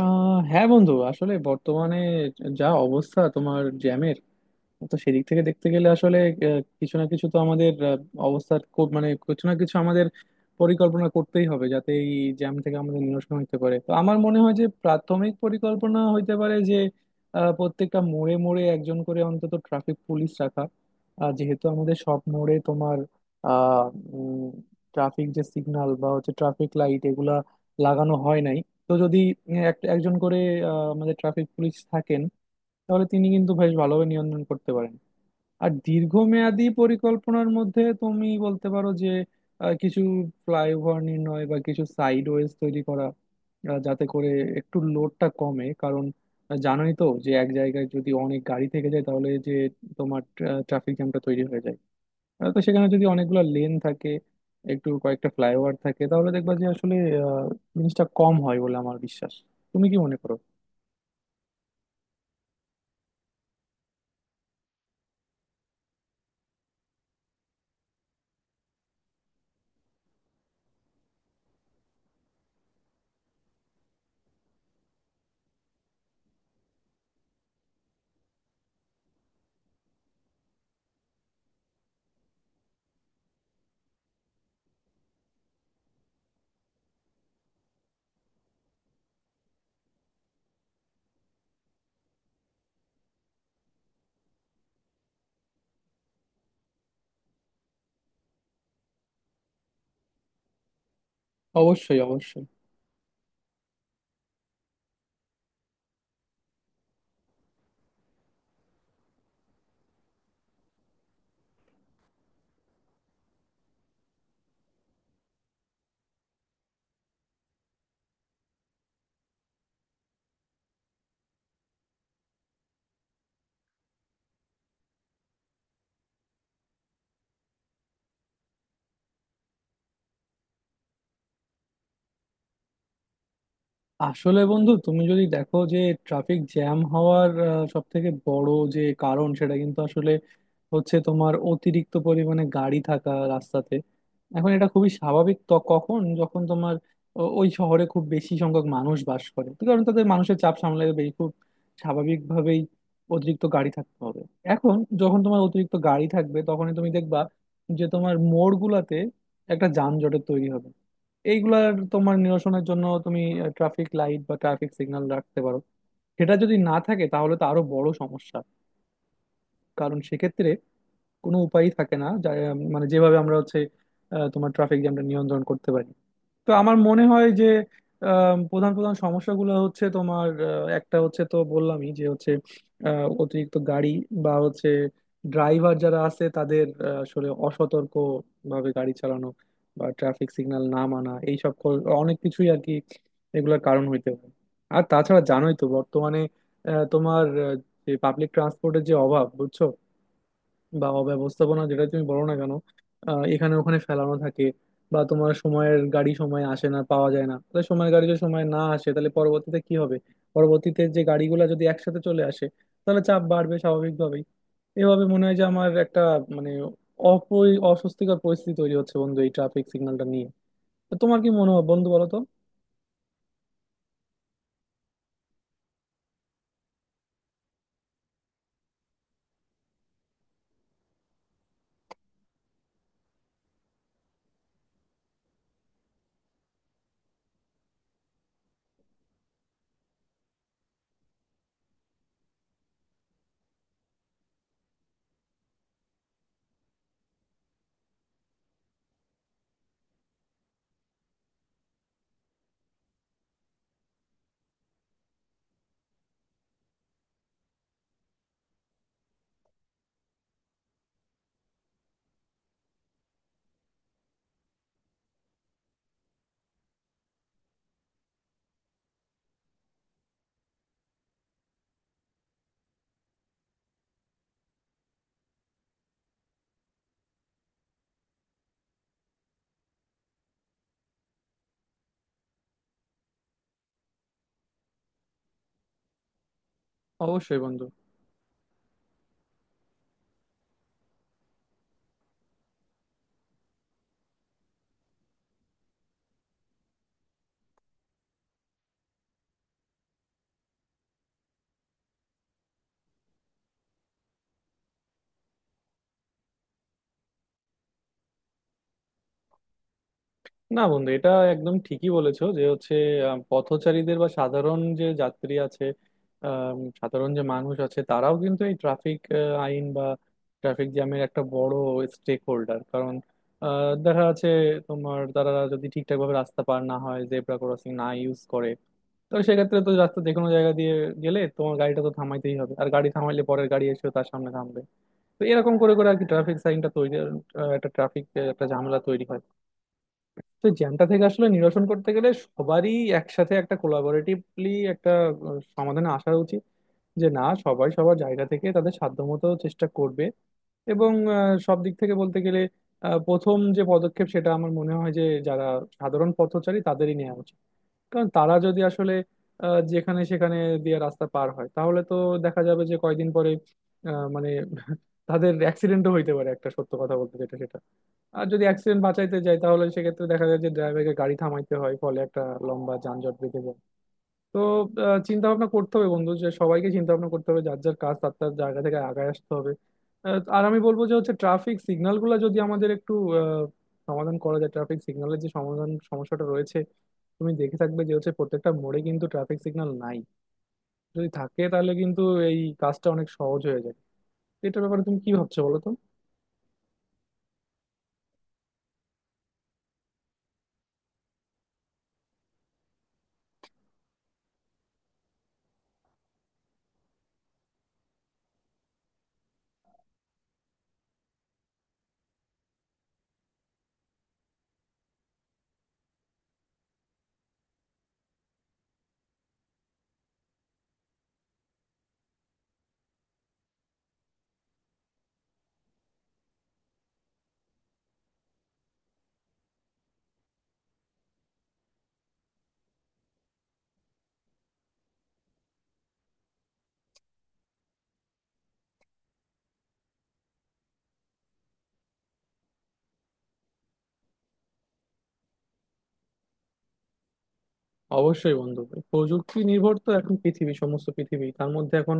হ্যাঁ বন্ধু, আসলে বর্তমানে যা অবস্থা তোমার জ্যামের, তো সেদিক থেকে দেখতে গেলে আসলে কিছু না কিছু তো আমাদের অবস্থার কো- মানে কিছু না কিছু আমাদের পরিকল্পনা করতেই হবে যাতে এই জ্যাম থেকে আমাদের নিরসন হতে পারে। তো আমার মনে হয় যে প্রাথমিক পরিকল্পনা হইতে পারে যে প্রত্যেকটা মোড়ে মোড়ে একজন করে অন্তত ট্রাফিক পুলিশ রাখা। আর যেহেতু আমাদের সব মোড়ে তোমার আহ ট্রাফিক যে সিগন্যাল বা হচ্ছে ট্রাফিক লাইট এগুলা লাগানো হয় নাই, তো যদি একজন করে আমাদের ট্রাফিক পুলিশ থাকেন, তাহলে তিনি কিন্তু বেশ ভালোভাবে নিয়ন্ত্রণ করতে পারেন। আর দীর্ঘমেয়াদী পরিকল্পনার মধ্যে তুমি বলতে পারো যে কিছু ফ্লাইওভার নির্ণয় বা কিছু সাইডওয়েজ তৈরি করা, যাতে করে একটু লোডটা কমে। কারণ জানোই তো যে এক জায়গায় যদি অনেক গাড়ি থেকে যায়, তাহলে যে তোমার ট্রাফিক জ্যামটা তৈরি হয়ে যায়। তো সেখানে যদি অনেকগুলো লেন থাকে, একটু কয়েকটা ফ্লাইওভার থাকে, তাহলে দেখবা যে আসলে আহ, জিনিসটা কম হয় বলে আমার বিশ্বাস। তুমি কি মনে করো? অবশ্যই, অবশ্যই। আসলে বন্ধু, তুমি যদি দেখো যে ট্রাফিক জ্যাম হওয়ার সব থেকে বড় যে কারণ, সেটা কিন্তু আসলে হচ্ছে তোমার অতিরিক্ত পরিমাণে গাড়ি থাকা রাস্তাতে। এখন এটা খুবই স্বাভাবিক, তো কখন যখন তোমার ওই শহরে খুব বেশি সংখ্যক মানুষ বাস করে, তো কারণ তাদের মানুষের চাপ সামলাতে বেশ খুব স্বাভাবিকভাবেই অতিরিক্ত গাড়ি থাকতে হবে। এখন যখন তোমার অতিরিক্ত গাড়ি থাকবে, তখনই তুমি দেখবা যে তোমার মোড়গুলাতে একটা যানজটের তৈরি হবে। এইগুলার তোমার নিরসনের জন্য তুমি ট্রাফিক লাইট বা ট্রাফিক সিগন্যাল রাখতে পারো। সেটা যদি না থাকে তাহলে তো আরো বড় সমস্যা, কারণ সেক্ষেত্রে কোনো উপায়ই থাকে না যা- মানে যেভাবে আমরা হচ্ছে তোমার ট্রাফিক জ্যামটা নিয়ন্ত্রণ করতে পারি। তো আমার মনে হয় যে প্রধান প্রধান সমস্যাগুলো হচ্ছে তোমার, একটা হচ্ছে তো বললামই যে হচ্ছে অতিরিক্ত গাড়ি, বা হচ্ছে ড্রাইভার যারা আছে তাদের আসলে অসতর্ক ভাবে গাড়ি চালানো বা ট্রাফিক সিগন্যাল না মানা, এইসব অনেক কিছুই আর কি এগুলোর কারণ হইতে পারে। আর তাছাড়া জানোই তো বর্তমানে আহ, তোমার আহ, যে পাবলিক ট্রান্সপোর্টের যে অভাব, বুঝছো, বা অব্যবস্থাপনা, যেটা তুমি বলো না কেন, এখানে ওখানে ফেলানো থাকে, বা তোমার সময়ের গাড়ি সময় আসে না, পাওয়া যায় না। তাহলে সময়ের গাড়ি যদি সময় না আসে তাহলে পরবর্তীতে কি হবে? পরবর্তীতে যে গাড়িগুলো যদি একসাথে চলে আসে, তাহলে চাপ বাড়বে স্বাভাবিকভাবেই। এভাবে মনে হয় যে আমার একটা, মানে, অস্বস্তিকর পরিস্থিতি তৈরি হচ্ছে বন্ধু এই ট্রাফিক সিগন্যালটা নিয়ে। তো তোমার কি মনে হয় বন্ধু, বলো তো? অবশ্যই বন্ধু। না বন্ধু, এটা একদম ঠিকই বলেছো যে হচ্ছে পথচারীদের বা সাধারণ যে যাত্রী আছে, সাধারণ যে মানুষ আছে, তারাও কিন্তু এই ট্রাফিক আইন বা ট্রাফিক জ্যামের একটা বড় স্টেক হোল্ডার। কারণ দেখা যাচ্ছে তোমার, তারা যদি ঠিকঠাকভাবে রাস্তা পার না হয়, জেব্রা ক্রসিং না ইউজ করে, তাহলে সেক্ষেত্রে তো রাস্তা যে কোনো জায়গা দিয়ে গেলে তোমার গাড়িটা তো থামাইতেই হবে, আর গাড়ি থামাইলে পরের গাড়ি এসেও তার সামনে থামবে। তো এরকম করে করে আর কি ট্রাফিক সাইনটা তৈরি আহ, একটা ট্রাফিক একটা ঝামেলা তৈরি হয়। তো এই জ্যামটা থেকে আসলে নিরসন করতে গেলে সবারই একসাথে একটা কোলাবোরেটিভলি একটা সমাধানে আসা উচিত, যে না সবাই সবার জায়গা থেকে তাদের সাধ্যমতো চেষ্টা করবে। এবং সব দিক থেকে বলতে গেলে প্রথম যে পদক্ষেপ সেটা আমার মনে হয় যে যারা সাধারণ পথচারী তাদেরই নেওয়া উচিত। কারণ তারা যদি আসলে যেখানে সেখানে দিয়ে রাস্তা পার হয়, তাহলে তো দেখা যাবে যে কয়দিন পরে আহ, মানে তাদের অ্যাক্সিডেন্টও হইতে পারে, একটা সত্য কথা বলতে যেটা সেটা। আর যদি অ্যাক্সিডেন্ট বাঁচাইতে যাই তাহলে সেক্ষেত্রে দেখা যায় যে ড্রাইভারকে গাড়ি থামাইতে হয়, ফলে একটা লম্বা যানজট বেঁধে যায়। তো চিন্তা ভাবনা করতে হবে বন্ধু, যে সবাইকে চিন্তা ভাবনা করতে হবে, যার যার কাজ তার তার জায়গা থেকে আগায় আসতে হবে। আর আমি বলবো যে হচ্ছে ট্রাফিক সিগন্যাল গুলা যদি আমাদের একটু আহ, সমাধান করা যায়, ট্রাফিক সিগন্যালের যে সমাধান সমস্যাটা রয়েছে। তুমি দেখে থাকবে যে হচ্ছে প্রত্যেকটা মোড়ে কিন্তু ট্রাফিক সিগন্যাল নাই। যদি থাকে তাহলে কিন্তু এই কাজটা অনেক সহজ হয়ে যায়। তো এটার ব্যাপারে তুমি কি ভাবছো বলো তো? অবশ্যই বন্ধু, এই প্রযুক্তি নির্ভর তো এখন পৃথিবী, সমস্ত পৃথিবী তার মধ্যে এখন,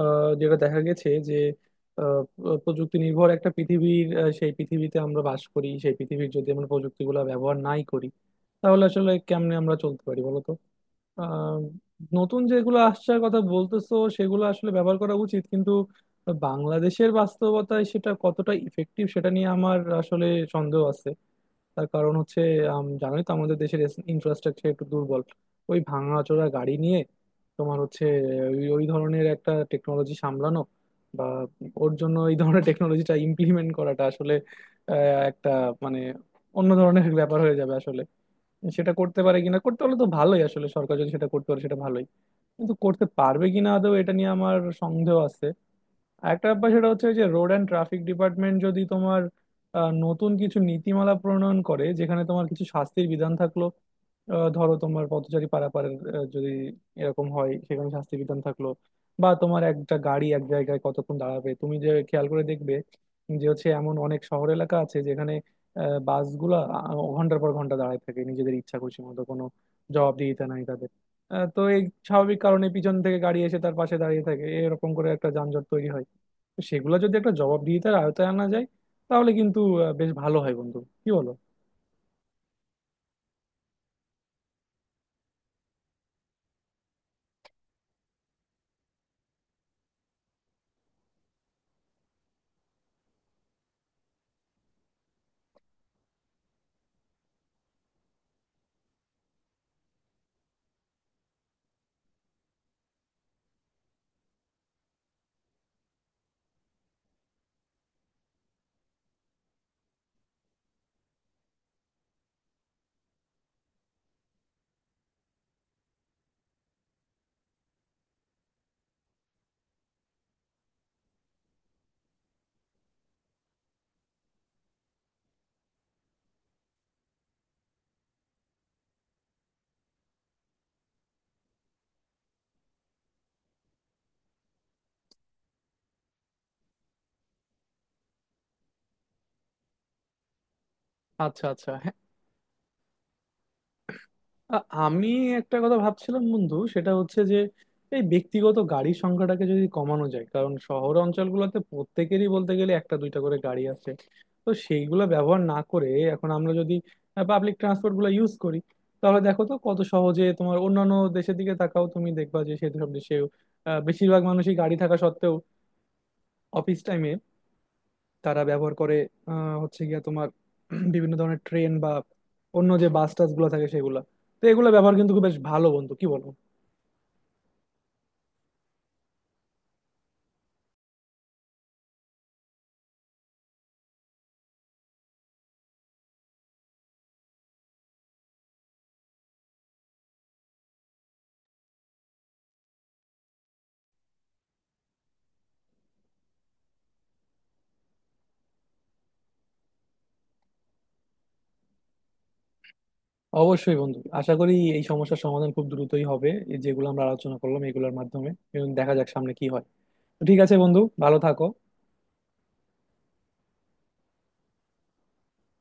যেটা দেখা গেছে যে প্রযুক্তি নির্ভর একটা পৃথিবীর, সেই পৃথিবীতে আমরা বাস করি, সেই পৃথিবীর যদি আমরা প্রযুক্তিগুলো ব্যবহার নাই করি, তাহলে আসলে কেমনে আমরা চলতে পারি বলো তো? আহ, নতুন যেগুলো আসছার কথা বলতেছো সেগুলো আসলে ব্যবহার করা উচিত, কিন্তু বাংলাদেশের বাস্তবতায় সেটা কতটা ইফেক্টিভ সেটা নিয়ে আমার আসলে সন্দেহ আছে। তার কারণ হচ্ছে, জানোই তো আমাদের দেশের ইনফ্রাস্ট্রাকচার একটু দুর্বল। ওই ভাঙাচোরা গাড়ি নিয়ে তোমার হচ্ছে ওই ওই ধরনের একটা টেকনোলজি সামলানো, বা ওর জন্য এই ধরনের টেকনোলজিটা ইমপ্লিমেন্ট করাটা আসলে আহ, একটা মানে অন্য ধরনের ব্যাপার হয়ে যাবে আসলে। সেটা করতে পারে কিনা, করতে পারলে তো ভালোই, আসলে সরকার যদি সেটা করতে পারে সেটা ভালোই, কিন্তু করতে পারবে কিনা আদৌ এটা নিয়ে আমার সন্দেহ আছে। আরেকটা ব্যাপার সেটা হচ্ছে যে রোড অ্যান্ড ট্রাফিক ডিপার্টমেন্ট যদি তোমার নতুন কিছু নীতিমালা প্রণয়ন করে, যেখানে তোমার কিছু শাস্তির বিধান থাকলো, ধরো তোমার পথচারী পারাপারের যদি এরকম হয় সেখানে শাস্তি বিধান থাকলো, বা তোমার একটা গাড়ি এক জায়গায় কতক্ষণ দাঁড়াবে। তুমি যে খেয়াল করে দেখবে যে হচ্ছে এমন অনেক শহর এলাকা আছে যেখানে বাসগুলা ঘন্টার পর ঘন্টা দাঁড়ায় থাকে নিজেদের ইচ্ছা খুশি মতো, কোনো জবাবদিহিতা নাই তাদের। তো এই স্বাভাবিক কারণে পিছন থেকে গাড়ি এসে তার পাশে দাঁড়িয়ে থাকে, এরকম করে একটা যানজট তৈরি হয়। তো সেগুলো যদি একটা জবাবদিহিতার আয়তায় আনা যায়, তাহলে কিন্তু বেশ ভালো হয় বন্ধু, কি বলো? আচ্ছা, আচ্ছা, হ্যাঁ। আ- আমি একটা কথা ভাবছিলাম বন্ধু, সেটা হচ্ছে যে এই ব্যক্তিগত গাড়ির সংখ্যাটাকে যদি কমানো যায়, কারণ শহর অঞ্চলগুলোতে প্রত্যেকেরই বলতে গেলে একটা দুইটা করে গাড়ি আছে। তো সেইগুলো ব্যবহার না করে এখন আমরা যদি পাবলিক ট্রান্সপোর্ট গুলো ইউজ করি, তাহলে দেখো তো কত সহজে। তোমার অন্যান্য দেশের দিকে তাকাও, তুমি দেখবা যে সেসব দেশে বেশিরভাগ মানুষই গাড়ি থাকা সত্ত্বেও অফিস টাইমে তারা ব্যবহার করে হচ্ছে গিয়া তোমার বিভিন্ন ধরনের ট্রেন বা অন্য যে বাস টাস গুলো থাকে সেগুলা। তো এগুলো ব্যবহার কিন্তু খুব বেশ ভালো বন্ধু, কি বলবো। অবশ্যই বন্ধু, আশা করি এই সমস্যার সমাধান খুব দ্রুতই হবে, এই যেগুলো আমরা আলোচনা করলাম এগুলোর মাধ্যমে। এবং দেখা যাক সামনে কি হয়। তো ঠিক আছে বন্ধু, ভালো থাকো।